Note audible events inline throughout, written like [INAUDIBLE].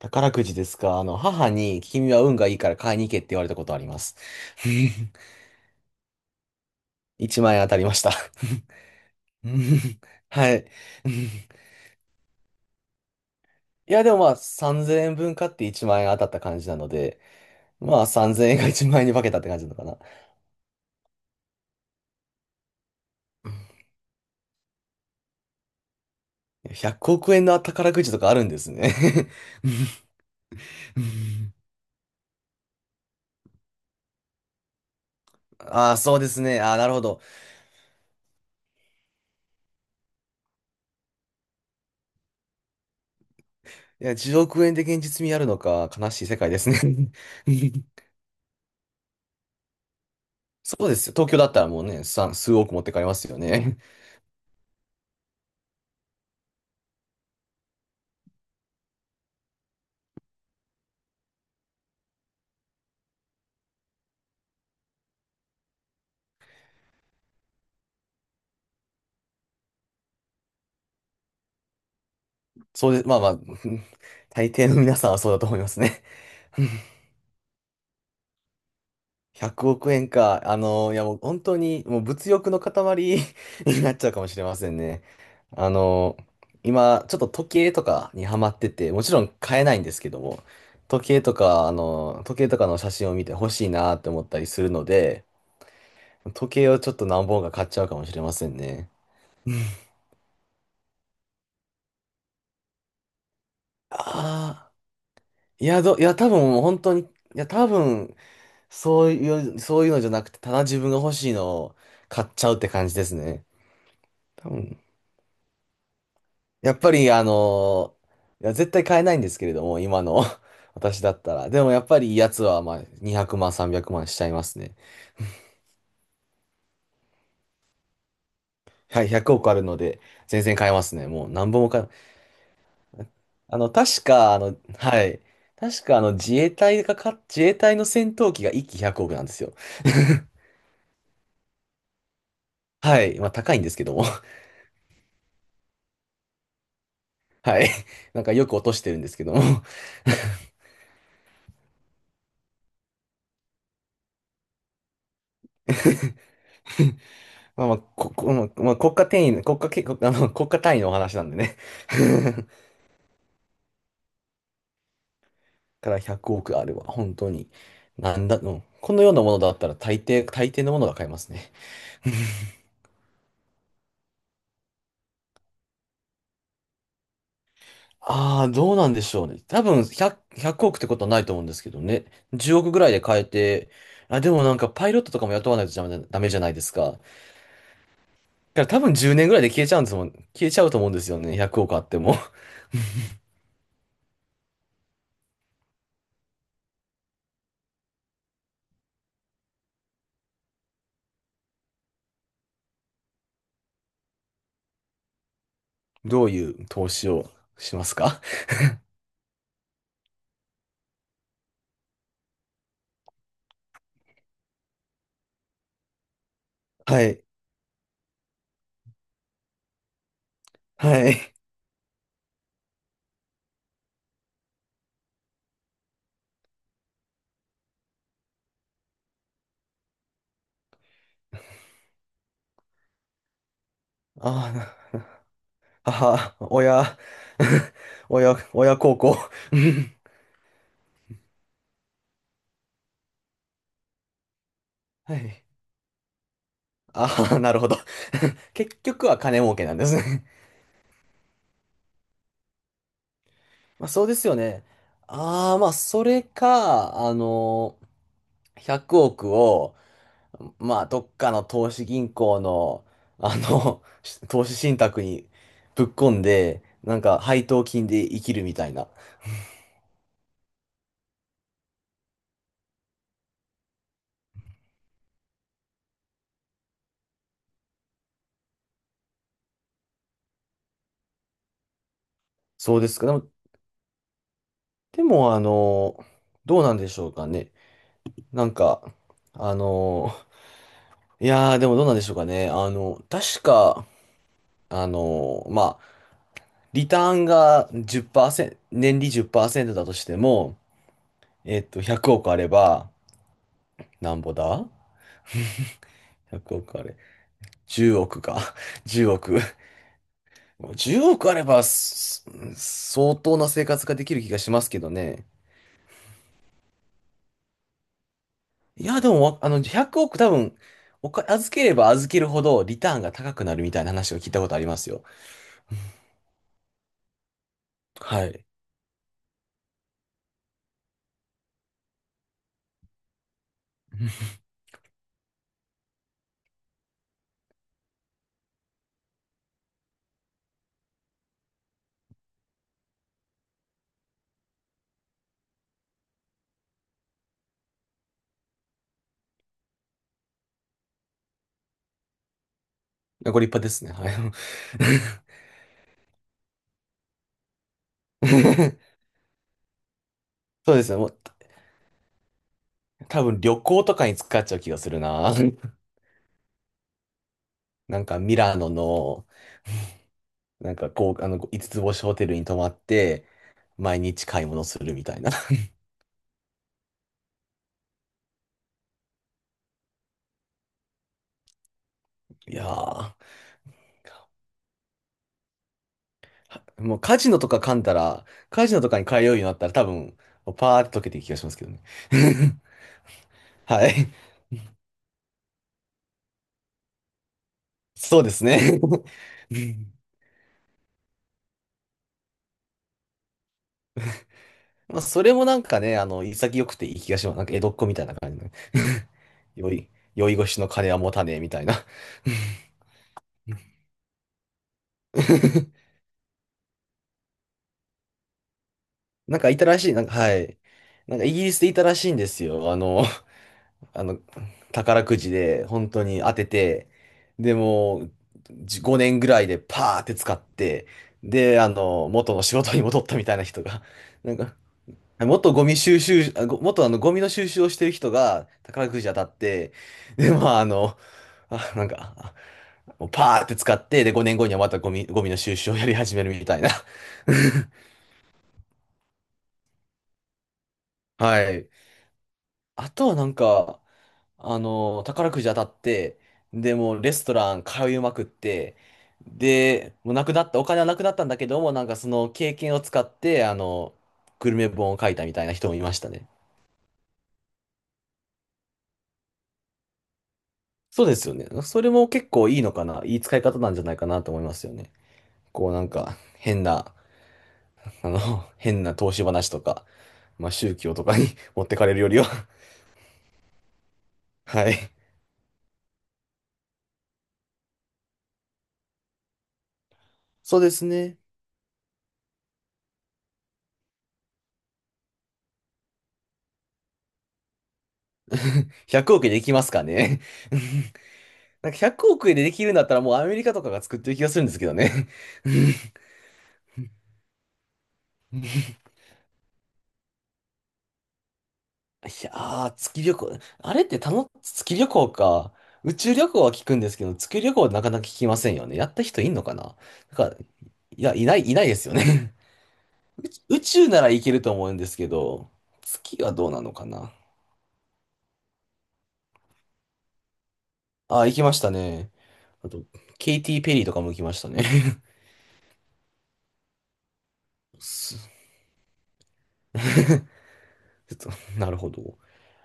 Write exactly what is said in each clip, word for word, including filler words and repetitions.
宝くじですか。あの、母に、君は運がいいから買いに行けって言われたことあります。[LAUGHS] いちまん円当たりました。[LAUGHS] はい。いや、でもまあ、さんぜんえんぶん買っていちまん円当たった感じなので、まあ、さんぜんえんがいちまん円に化けたって感じなのかな。ひゃくおく円の宝くじとかあるんですね。[LAUGHS] ああ、そうですね。ああ、なるほど。いや、じゅうおく円で現実味あるのか、悲しい世界ですね。[LAUGHS] そうですよ。東京だったらもうね、さん数億持ってかれますよね。そうです。まあまあ、[LAUGHS] 大抵の皆さんはそうだと思いますね。[LAUGHS] ひゃくおく円か。あの、いやもう本当に、もう物欲の塊 [LAUGHS] になっちゃうかもしれませんね。あの、今、ちょっと時計とかにハマってて、もちろん買えないんですけども、時計とか、あの、時計とかの写真を見て欲しいなって思ったりするので、時計をちょっと何本か買っちゃうかもしれませんね。ああ、いや、ど、いや、多分もう本当に、いや、多分そういう、そういうのじゃなくて、ただ自分が欲しいのを買っちゃうって感じですね。多分。やっぱり、あのいや、絶対買えないんですけれども、今の [LAUGHS] 私だったら。でもやっぱりいいやつは、まあ、にひゃくまん、さんびゃくまんしちゃいますね。はい、ひゃくおくあるので、全然買えますね。もう何本も買え、あの、確か、あの、はい。確か、あの、自衛隊がか、自衛隊の戦闘機がいっ機ひゃくおくなんですよ。はい。まあ、高いんですけども。[LAUGHS] はい。なんかよく落としてるんですけども。[LAUGHS] まあまあ、こ、こまあまあ国家転移、国家け、国あの、国家単位のお話なんでね。[LAUGHS] からひゃくおくあれば、本当に。なんだ、うん。このようなものだったら大抵、大抵のものが買えますね。ああ、どうなんでしょうね。多分ひゃく、億ってことはないと思うんですけどね。じゅうおくぐらいで買えて、あ、でもなんかパイロットとかも雇わないとダメ、ダメじゃないですか。だから多分じゅうねんぐらいで消えちゃうんですもん。消えちゃうと思うんですよね。ひゃくおくあっても。[LAUGHS] どういう投資をしますか？ [LAUGHS] はい。はい。ああ。母、親、[LAUGHS] 親、親孝行。[LAUGHS] うんはい。ああ、[LAUGHS] なるほど。[LAUGHS] 結局は金儲けなんですね。[LAUGHS] まあそうですよね。ああ、まあそれか、あのひゃくおくを、まあ、どっかの投資銀行の、あの、[LAUGHS] し投資信託にぶっ込んで、なんか配当金で生きるみたいな。そうですか。でも、でもあの、どうなんでしょうかね。なんか、あの、いやー、でもどうなんでしょうかね。あの、確か、あの、まあ、リターンがじっパーセント、年利じっパーセントだとしても、えっと、ひゃくおくあれば、なんぼだいち じゅうおくあれ。いちおくか。[LAUGHS] じゅうおく。もう億あれば、す相当な生活ができる気がしますけどね。いや、でもわ、あの、ひゃくおく多分、おか、預ければ預けるほどリターンが高くなるみたいな話を聞いたことありますよ。はい。[LAUGHS] ご立派ですね。はい。[LAUGHS] そうですね。もう多分旅行とかに使っちゃう気がするな。[LAUGHS] なんかミラノの、なんかこう、あの、五つ星ホテルに泊まって、毎日買い物するみたいな。[LAUGHS] いやー、もうカジノとか噛んだら、カジノとかに通うようになったら多分、パーって溶けていく気がしますけどね。[LAUGHS] はい。そうですね。[LAUGHS] うんまあ、それもなんかね、あの、潔くていい気がします。なんか江戸っ子みたいな感じの。[LAUGHS] 酔い、酔い越しの金は持たねえみたいな。[LAUGHS] なんかいたらしい、なんか、はい。なんかイギリスでいたらしいんですよ。あの、[LAUGHS] あの、宝くじで本当に当てて、でも、じごねんぐらいでパーって使って、で、あの、元の仕事に戻ったみたいな人が、[LAUGHS] なんか、元ゴミ収集、あ、ご元あのゴミの収集をしてる人が宝くじ当たって、で、まあ、あの、あ、なんか、あもうパーって使って、で、ごねんごにはまたゴミ、ゴミの収集をやり始めるみたいな。[LAUGHS] はい。あとはなんか、あの、宝くじ当たって、で、もうレストラン通いまくって、で、もうなくなった、お金はなくなったんだけども、なんかその経験を使って、あの、グルメ本を書いたみたいな人もいましたね。そうですよね。それも結構いいのかな、いい使い方なんじゃないかなと思いますよね。こうなんか、変な、あの、[LAUGHS] 変な投資話とか、まあ宗教とかに [LAUGHS] 持ってかれるよりははい。そうですね。ひゃくおくでいきますかね。[LAUGHS] なんかひゃくおく円でできるんだったらもうアメリカとかが作ってる気がするんですけどね。[LAUGHS] いやー、月旅行。あれってたの、月旅行か。宇宙旅行は聞くんですけど、月旅行はなかなか聞きませんよね。やった人いんのかな？なんか、いや、いない、いないですよね。[LAUGHS] 宇宙宇宙なら行けると思うんですけど、月はどうなのかな？あー、行きましたね。あと、ケイティ・ペリーとかも行きましたね。[LAUGHS] す [LAUGHS] ちょっと、なるほど。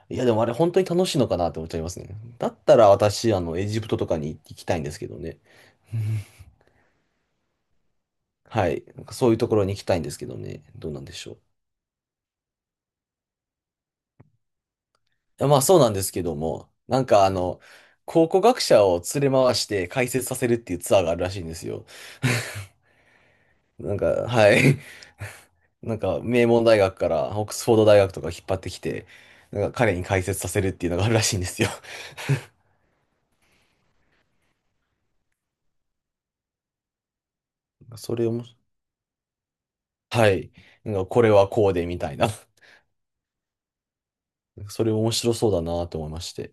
いや、でもあれ本当に楽しいのかなって思っちゃいますね。だったら私、あの、エジプトとかに行きたいんですけどね。うんはい。なんかそういうところに行きたいんですけどね。どうなんでしょう。いやまあそうなんですけども、なんかあの、考古学者を連れ回して解説させるっていうツアーがあるらしいんですよ。[LAUGHS] なんか、はい。なんか名門大学からオックスフォード大学とか引っ張ってきて、なんか彼に解説させるっていうのがあるらしいんですよ。それをも、はい。なんかこれはこうでみたいな。それ面白そうだなと思いまして。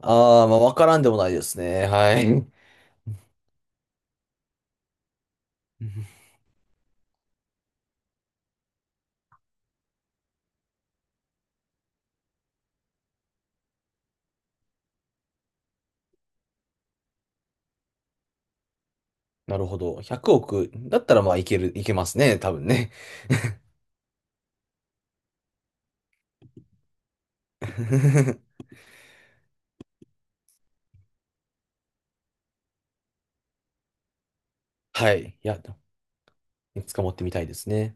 ああ、まあ、わからんでもないですね。はい。うん [LAUGHS] なるほど。ひゃくおくだったら、まあ、いける、いけますね。多分ね。[LAUGHS] はい。いや、いつか持ってみたいですね。